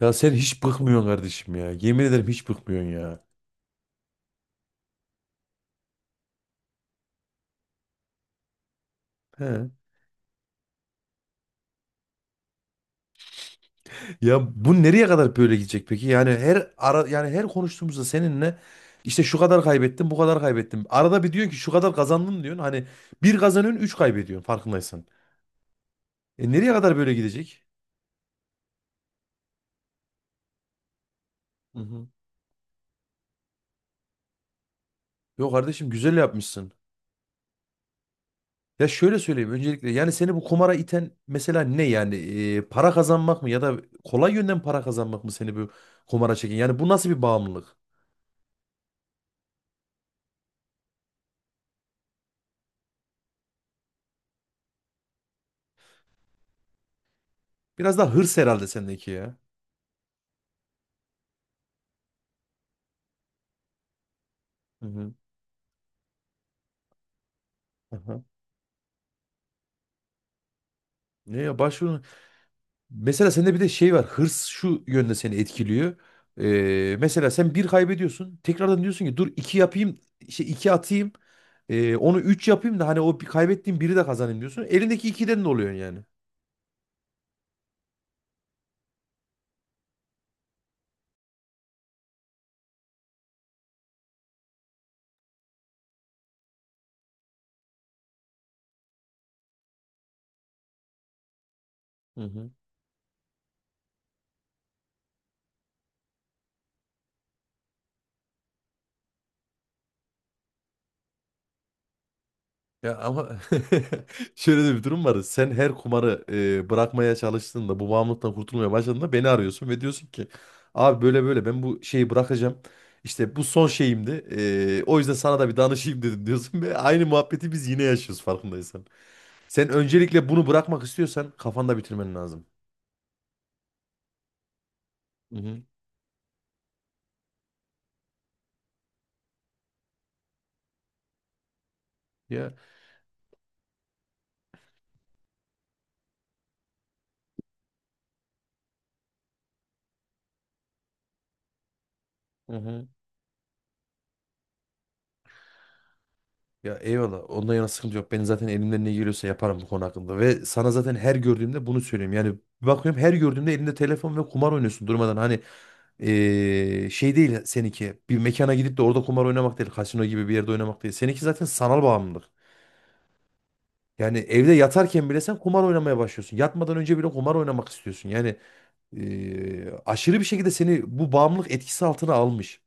Ya sen hiç bıkmıyorsun kardeşim ya. Yemin ederim hiç bıkmıyorsun ya. He. Ya bu nereye kadar böyle gidecek peki? Yani her ara yani her konuştuğumuzda seninle işte şu kadar kaybettim, bu kadar kaybettim. Arada bir diyorsun ki şu kadar kazandın diyorsun. Hani bir kazanıyorsun, üç kaybediyorsun farkındaysan. E nereye kadar böyle gidecek? Hı hı. Yok kardeşim güzel yapmışsın. Ya şöyle söyleyeyim öncelikle yani seni bu kumara iten mesela ne yani? Para kazanmak mı ya da kolay yönden para kazanmak mı seni bu kumara çeken? Yani bu nasıl bir bağımlılık? Biraz daha hırs herhalde sendeki ya. Hı hı. Aha. Ne ya başvurun. Mesela sende bir de şey var. Hırs şu yönde seni etkiliyor. Mesela sen bir kaybediyorsun. Tekrardan diyorsun ki dur iki yapayım. Şey iki atayım. Onu üç yapayım da hani o bir kaybettiğim biri de kazanayım diyorsun. Elindeki ikiden de oluyorsun yani. Hı hı. Ya ama şöyle de bir durum var. Sen her kumarı bırakmaya çalıştığında, bu bağımlılıktan kurtulmaya başladığında beni arıyorsun ve diyorsun ki abi böyle böyle ben bu şeyi bırakacağım. İşte bu son şeyimdi. E, o yüzden sana da bir danışayım dedim diyorsun ve aynı muhabbeti biz yine yaşıyoruz farkındaysan. Sen öncelikle bunu bırakmak istiyorsan kafanda bitirmen lazım. Hı hı. Ya. Hı hı. Ya eyvallah. Ondan yana sıkıntı yok. Ben zaten elimden ne geliyorsa yaparım bu konu hakkında. Ve sana zaten her gördüğümde bunu söylüyorum. Yani bir bakıyorum her gördüğümde elinde telefon ve kumar oynuyorsun durmadan. Hani şey değil seninki. Bir mekana gidip de orada kumar oynamak değil. Kasino gibi bir yerde oynamak değil. Seninki zaten sanal bağımlılık. Yani evde yatarken bile sen kumar oynamaya başlıyorsun. Yatmadan önce bile kumar oynamak istiyorsun. Yani aşırı bir şekilde seni bu bağımlılık etkisi altına almış.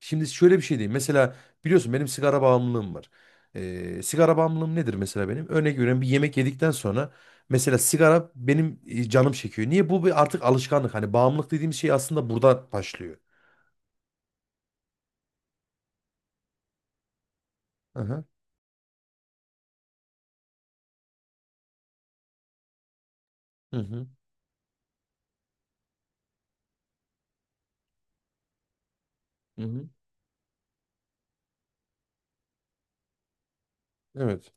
Şimdi şöyle bir şey diyeyim. Mesela biliyorsun benim sigara bağımlılığım var. Sigara bağımlılığım nedir mesela benim? Örnek veriyorum, bir yemek yedikten sonra mesela sigara benim canım çekiyor. Niye? Bu bir artık alışkanlık. Hani bağımlılık dediğimiz şey aslında burada başlıyor. Aha. Hı hı. Hı hı. Evet.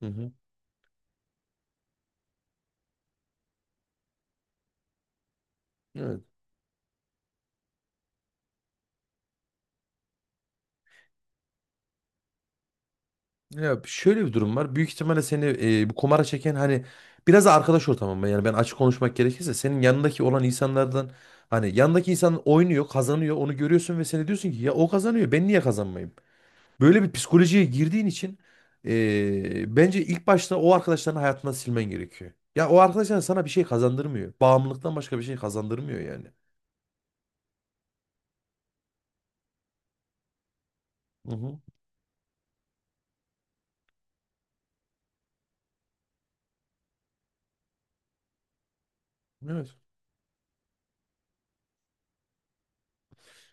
Hı hı. Evet. Ya şöyle bir durum var. Büyük ihtimalle seni bu kumara çeken hani biraz da arkadaş ortamı. Yani ben açık konuşmak gerekirse senin yanındaki olan insanlardan hani yanındaki insan oynuyor, kazanıyor, onu görüyorsun ve sen de diyorsun ki ya o kazanıyor, ben niye kazanmayayım? Böyle bir psikolojiye girdiğin için bence ilk başta o arkadaşlarını hayatından silmen gerekiyor. Ya o arkadaşlar sana bir şey kazandırmıyor. Bağımlılıktan başka bir şey kazandırmıyor yani. Hı hı. Evet.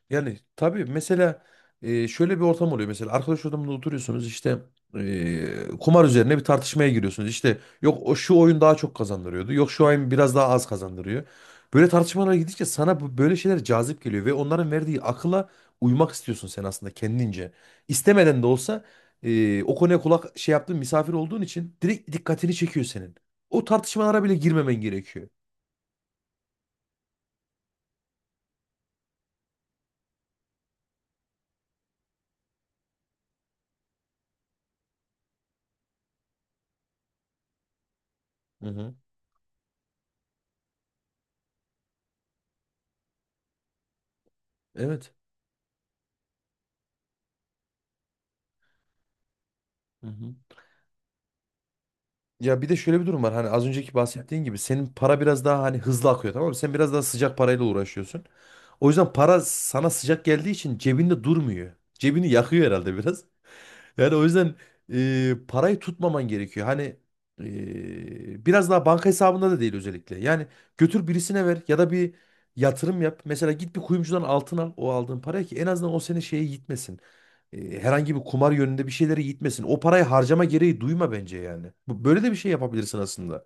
Yani tabii mesela şöyle bir ortam oluyor. Mesela arkadaş ortamında oturuyorsunuz işte kumar üzerine bir tartışmaya giriyorsunuz. İşte yok o şu oyun daha çok kazandırıyordu. Yok şu oyun biraz daha az kazandırıyor. Böyle tartışmalara gidince sana böyle şeyler cazip geliyor ve onların verdiği akıla uymak istiyorsun sen aslında kendince. İstemeden de olsa o konuya kulak şey yaptığın misafir olduğun için direkt dikkatini çekiyor senin. O tartışmalara bile girmemen gerekiyor. Hı hı. Evet. Ya bir de şöyle bir durum var. Hani az önceki bahsettiğin gibi senin para biraz daha hani hızlı akıyor, tamam mı? Sen biraz daha sıcak parayla uğraşıyorsun. O yüzden para sana sıcak geldiği için cebinde durmuyor. Cebini yakıyor herhalde biraz. Yani o yüzden parayı tutmaman gerekiyor. Hani biraz daha banka hesabında da değil özellikle. Yani götür birisine ver ya da bir yatırım yap. Mesela git bir kuyumcudan altın al o aldığın parayı ki en azından o seni şeye gitmesin. E, herhangi bir kumar yönünde bir şeylere gitmesin. O parayı harcama gereği duyma bence yani. Böyle de bir şey yapabilirsin aslında.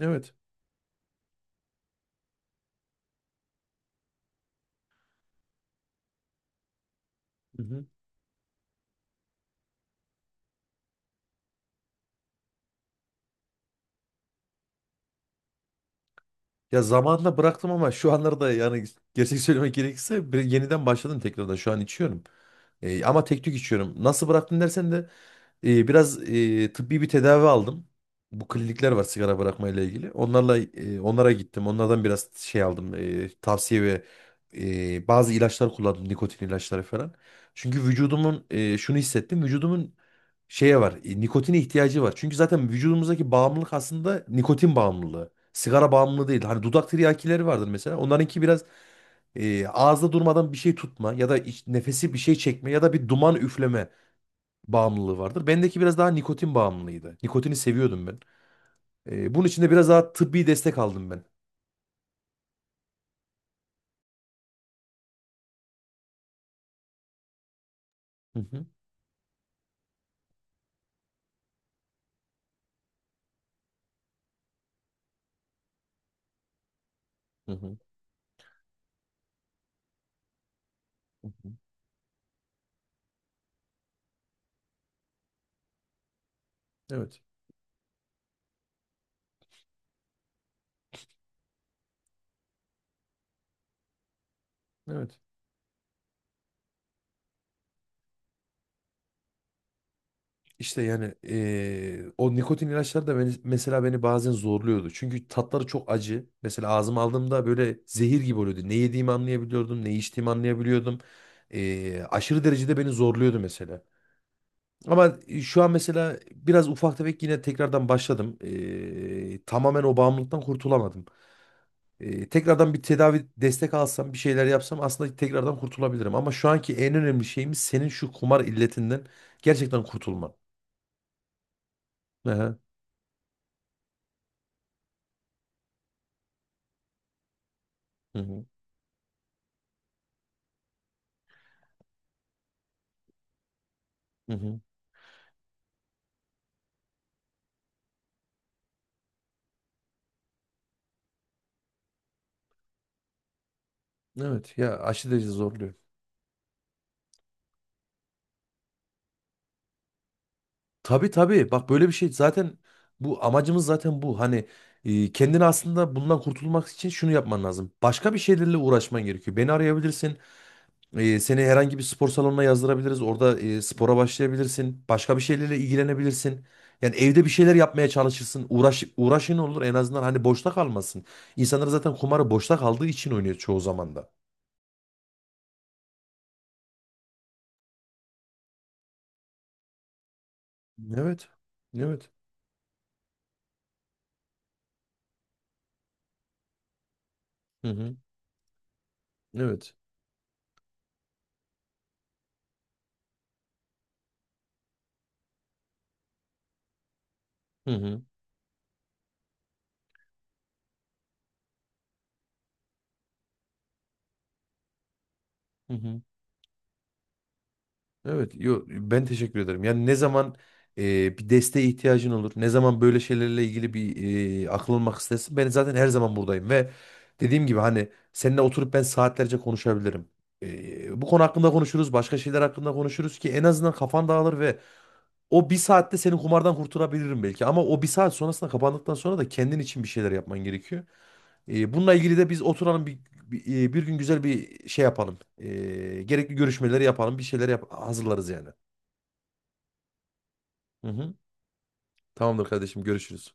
Evet. Hı hı. Ya zamanında bıraktım ama şu anlarda yani gerçek söylemek gerekirse yeniden başladım tekrardan. Şu an içiyorum. E, ama tek tük içiyorum. Nasıl bıraktın dersen de biraz tıbbi bir tedavi aldım. Bu klinikler var sigara bırakmayla ilgili. Onlarla onlara gittim. Onlardan biraz şey aldım. Tavsiye ve bazı ilaçlar kullandım. Nikotin ilaçları falan. Çünkü vücudumun şunu hissettim. Vücudumun şeye var. Nikotine ihtiyacı var. Çünkü zaten vücudumuzdaki bağımlılık aslında nikotin bağımlılığı. Sigara bağımlılığı değil. Hani dudak tiryakileri vardır mesela. Onlarınki biraz ağızda durmadan bir şey tutma ya da nefesi bir şey çekme ya da bir duman üfleme bağımlılığı vardır. Bendeki biraz daha nikotin bağımlılığıydı. Nikotini seviyordum ben. Bunun için de biraz daha tıbbi destek aldım ben. Hı hı, hı hı, hı hı. Evet, evet. İşte yani o nikotin ilaçları da beni, mesela beni bazen zorluyordu. Çünkü tatları çok acı. Mesela ağzıma aldığımda böyle zehir gibi oluyordu. Ne yediğimi anlayabiliyordum, ne içtiğimi anlayabiliyordum. Aşırı derecede beni zorluyordu mesela. Ama şu an mesela biraz ufak tefek yine tekrardan başladım. Tamamen o bağımlılıktan kurtulamadım. Tekrardan bir tedavi destek alsam bir şeyler yapsam aslında tekrardan kurtulabilirim. Ama şu anki en önemli şeyimiz senin şu kumar illetinden gerçekten kurtulman. Aha. Hı hı. Hı hı. Evet ya aşırı derece zorluyor. Tabii tabii, bak böyle bir şey zaten bu amacımız zaten bu. Hani kendini aslında bundan kurtulmak için şunu yapman lazım. Başka bir şeylerle uğraşman gerekiyor. Beni arayabilirsin. E, seni herhangi bir spor salonuna yazdırabiliriz. Orada spora başlayabilirsin. Başka bir şeylerle ilgilenebilirsin. Yani evde bir şeyler yapmaya çalışırsın. Uğraş, uğraşın olur en azından hani boşta kalmasın. İnsanlar zaten kumarı boşta kaldığı için oynuyor çoğu zaman da. Evet. Evet. Hı hı. Evet. Hı hı. Hı hı. Evet, yo, ben teşekkür ederim. Yani ne zaman bir desteğe ihtiyacın olur, ne zaman böyle şeylerle ilgili bir akıl almak istersin, ben zaten her zaman buradayım ve dediğim gibi hani seninle oturup ben saatlerce konuşabilirim. E, bu konu hakkında konuşuruz, başka şeyler hakkında konuşuruz ki en azından kafan dağılır ve o bir saatte seni kumardan kurtarabilirim belki. Ama o bir saat sonrasında kapandıktan sonra da kendin için bir şeyler yapman gerekiyor. E, bununla ilgili de biz oturalım bir gün güzel bir şey yapalım. E, gerekli görüşmeleri yapalım, bir şeyler hazırlarız yani. Hı hı. Tamamdır kardeşim, görüşürüz.